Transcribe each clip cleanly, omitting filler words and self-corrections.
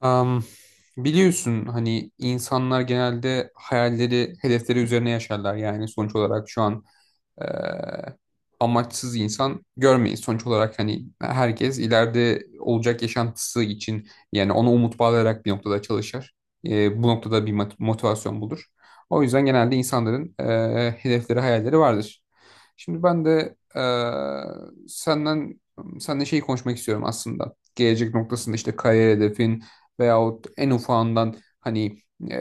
Am, Biliyorsun hani insanlar genelde hayalleri, hedefleri üzerine yaşarlar. Yani sonuç olarak şu an e, amaçsız insan görmeyiz. Sonuç olarak hani herkes ileride olacak yaşantısı için yani ona umut bağlayarak bir noktada çalışır. Bu noktada bir motivasyon bulur. O yüzden genelde insanların hedefleri, hayalleri vardır. Şimdi ben de senden seninle şey konuşmak istiyorum aslında. Gelecek noktasında işte kariyer hedefin, veyahut en ufağından hani e,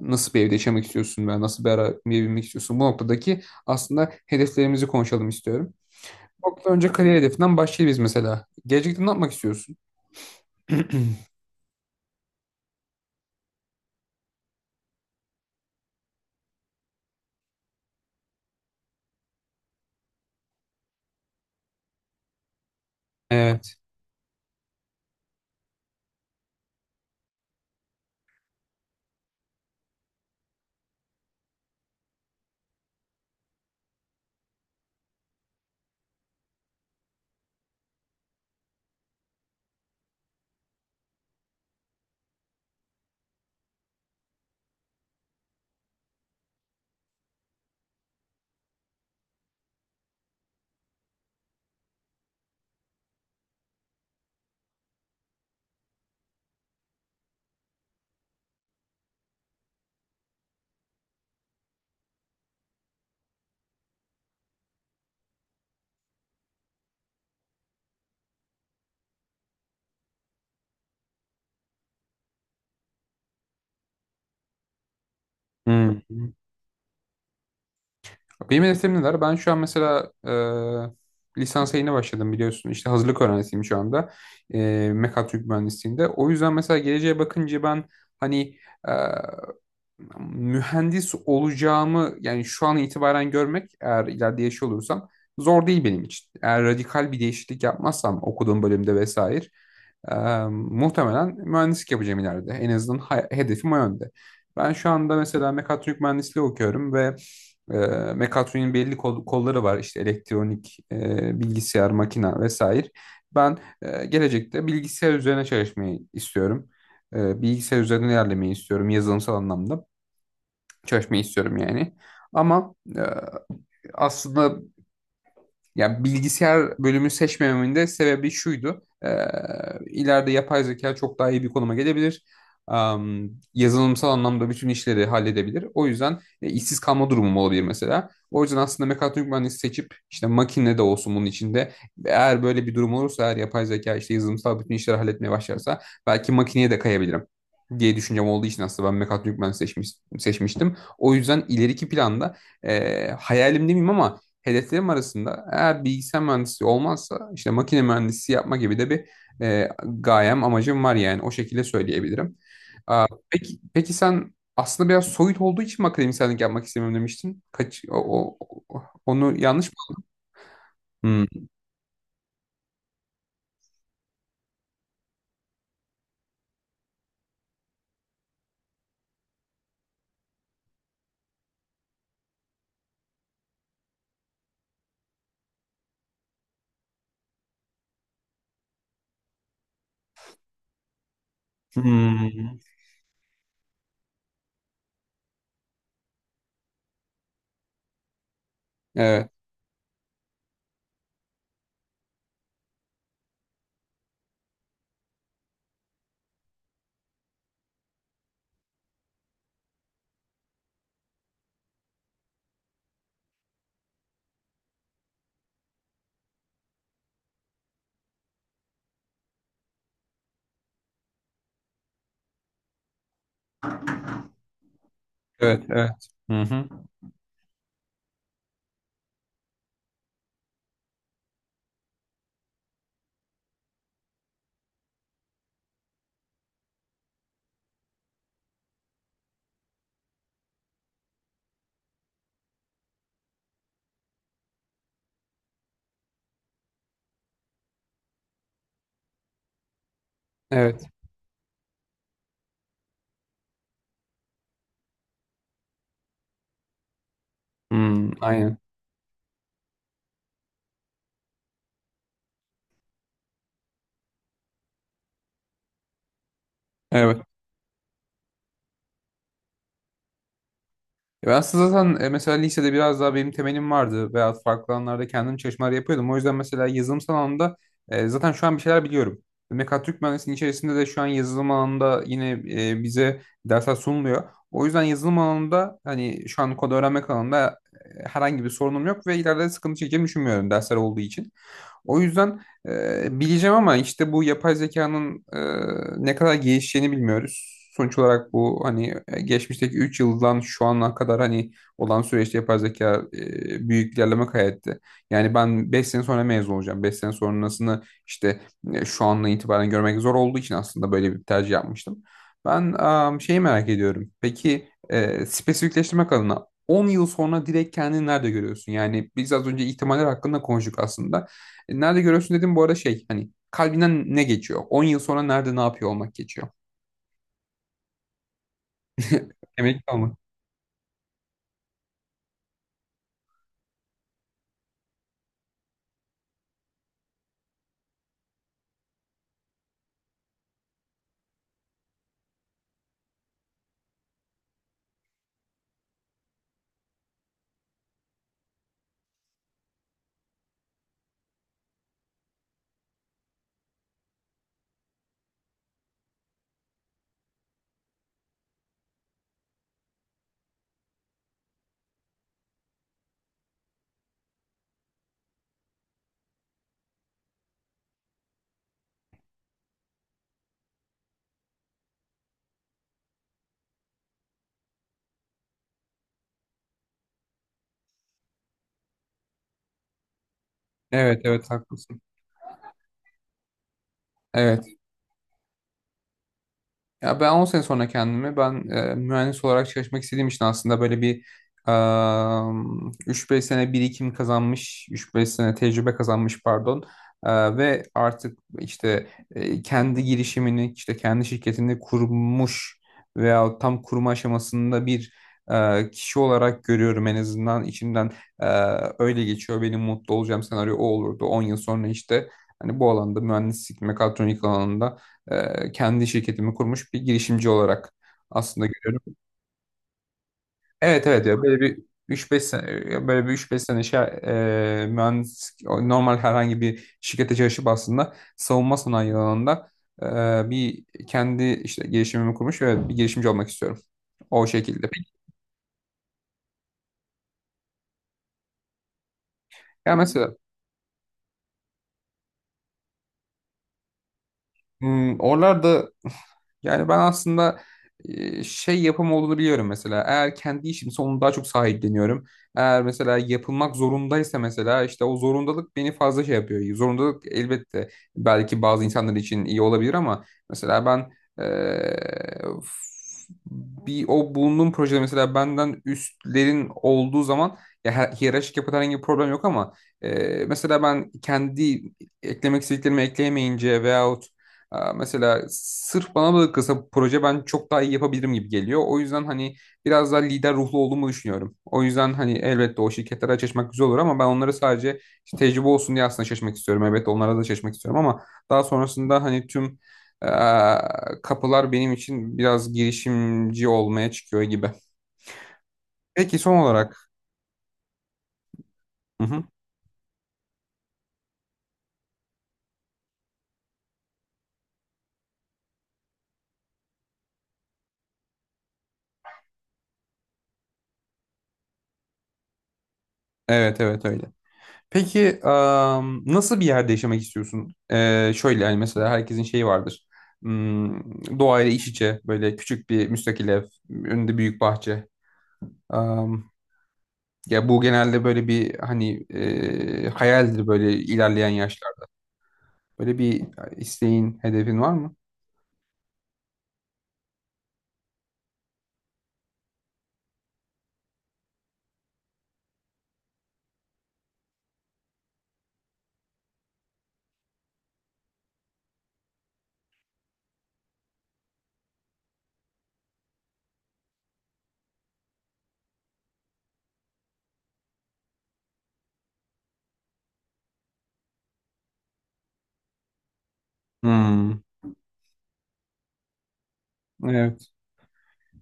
nasıl bir evde yaşamak istiyorsun veya nasıl bir arabaya binmek istiyorsun, bu noktadaki aslında hedeflerimizi konuşalım istiyorum. Bu noktada önce kariyer hedefinden başlayalım biz mesela. Gelecekte ne yapmak istiyorsun? Evet. Hmm. Benim hedeflerim neler? Ben şu an mesela lisans yayına başladım biliyorsun. İşte hazırlık öğrencisiyim şu anda. E, Mekatronik mühendisliğinde. O yüzden mesela geleceğe bakınca ben hani mühendis olacağımı, yani şu an itibaren görmek, eğer ileride yaşıyor olursam zor değil benim için. Eğer radikal bir değişiklik yapmazsam okuduğum bölümde vesaire e, muhtemelen mühendislik yapacağım ileride. En azından hedefim o yönde. Ben şu anda mesela mekatronik mühendisliği okuyorum ve e, mekatroniğin belli kolları var. İşte elektronik, bilgisayar, makina vesaire. Ben gelecekte bilgisayar üzerine çalışmayı istiyorum. Bilgisayar üzerine ilerlemeyi istiyorum, yazılımsal anlamda çalışmayı istiyorum yani. Ama aslında yani bilgisayar bölümü seçmememin de sebebi şuydu. İleride yapay zeka çok daha iyi bir konuma gelebilir. Yazılımsal anlamda bütün işleri halledebilir. O yüzden işsiz kalma durumum olabilir mesela. O yüzden aslında mekatronik mühendisi seçip işte makine de olsun bunun içinde. Eğer böyle bir durum olursa, eğer yapay zeka işte yazılımsal bütün işleri halletmeye başlarsa belki makineye de kayabilirim diye düşüncem olduğu için aslında ben mekatronik mühendisi seçmiştim. O yüzden ileriki planda hayalimde miyim ama hedeflerim arasında, eğer bilgisayar mühendisliği olmazsa işte makine mühendisi yapma gibi de bir gayem, amacım var, yani o şekilde söyleyebilirim. Aa, peki, peki sen aslında biraz soyut olduğu için mi akademisyenlik yapmak istemiyorum demiştin? Kaç, o, o- o- Onu yanlış mı? Hmm. Hmm. Evet, evet, evet. Hı hı. Evet. Hmm, aynen. Evet. Ya ben aslında zaten mesela lisede biraz daha benim temelim vardı veya farklı alanlarda kendim çalışmalar yapıyordum. O yüzden mesela yazılımsal alanda zaten şu an bir şeyler biliyorum. Mekatronik mühendisliğinin içerisinde de şu an yazılım alanında yine bize dersler sunuluyor. O yüzden yazılım alanında hani şu an kod öğrenmek alanında herhangi bir sorunum yok ve ileride sıkıntı çekeceğimi düşünmüyorum, dersler olduğu için. O yüzden bileceğim, ama işte bu yapay zekanın ne kadar gelişeceğini bilmiyoruz. Sonuç olarak bu hani geçmişteki 3 yıldan şu ana kadar hani olan süreçte yapay zeka büyük ilerleme kaydetti. Yani ben 5 sene sonra mezun olacağım. 5 sene sonrasını işte şu anla itibaren görmek zor olduğu için aslında böyle bir tercih yapmıştım. Ben şeyi merak ediyorum. Peki spesifikleştirmek adına 10 yıl sonra direkt kendini nerede görüyorsun? Yani biz az önce ihtimaller hakkında konuştuk aslında. Nerede görüyorsun dedim, bu arada şey hani kalbinden ne geçiyor? 10 yıl sonra nerede ne yapıyor olmak geçiyor. Emekli olmak. Evet, evet, haklısın. Evet. Ya ben 10 sene sonra kendimi, ben mühendis olarak çalışmak istediğim için, aslında böyle bir e, 3-5 sene birikim kazanmış, üç beş sene tecrübe kazanmış pardon. Ve artık işte kendi girişimini, işte kendi şirketini kurmuş veya tam kurma aşamasında bir kişi olarak görüyorum en azından. İçimden e, öyle geçiyor. Benim mutlu olacağım senaryo o olurdu. 10 yıl sonra işte hani bu alanda mühendislik, mekatronik alanında kendi şirketimi kurmuş bir girişimci olarak aslında görüyorum. Evet, evet. Ya böyle bir üç beş sene, ya böyle bir üç beş sene şey, mühendis normal herhangi bir şirkete çalışıp aslında savunma sanayi alanında bir kendi işte girişimimi kurmuş ve bir girişimci olmak istiyorum. O şekilde. Peki, ya mesela oralarda, yani ben aslında şey yapım olduğunu biliyorum mesela. Eğer kendi işimse onu daha çok sahipleniyorum. Eğer mesela yapılmak zorundaysa, mesela işte o zorundalık beni fazla şey yapıyor. Zorundalık elbette belki bazı insanlar için iyi olabilir, ama mesela ben e, bir o bulunduğum projede mesela benden üstlerin olduğu zaman, ya hiyerarşik yapıda herhangi bir problem yok, ama mesela ben kendi eklemek istediklerimi ekleyemeyince veyahut mesela sırf bana bırakılsa bu proje ben çok daha iyi yapabilirim gibi geliyor. O yüzden hani biraz daha lider ruhlu olduğumu düşünüyorum. O yüzden hani elbette o şirketlere çalışmak güzel olur, ama ben onlara sadece işte tecrübe olsun diye aslında çalışmak istiyorum. Elbette onlara da çalışmak istiyorum, ama daha sonrasında hani tüm eee, kapılar benim için biraz girişimci olmaya çıkıyor gibi. Peki son olarak. Hı hı. Evet, evet, öyle. Peki nasıl bir yerde yaşamak istiyorsun? Şöyle yani mesela herkesin şeyi vardır. Doğayla iç içe böyle küçük bir müstakil ev, önünde büyük bahçe. Am, Ya bu genelde böyle bir hani hayaldir, böyle ilerleyen yaşlar. Böyle bir isteğin, hedefin var mı? Hmm, evet.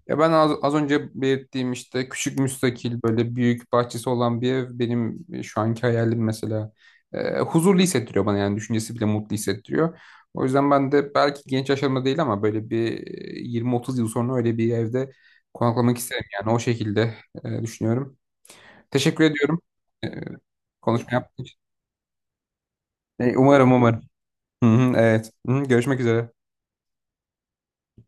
Ya ben az önce belirttiğim işte küçük müstakil böyle büyük bahçesi olan bir ev benim şu anki hayalim mesela. Huzurlu hissettiriyor bana, yani düşüncesi bile mutlu hissettiriyor. O yüzden ben de belki genç yaşlarımda değil ama böyle bir 20-30 yıl sonra öyle bir evde konaklamak isterim, yani o şekilde düşünüyorum. Teşekkür ediyorum e, konuşma yaptığın için. E, umarım umarım. Hı hı, evet. Hı hı, görüşmek üzere.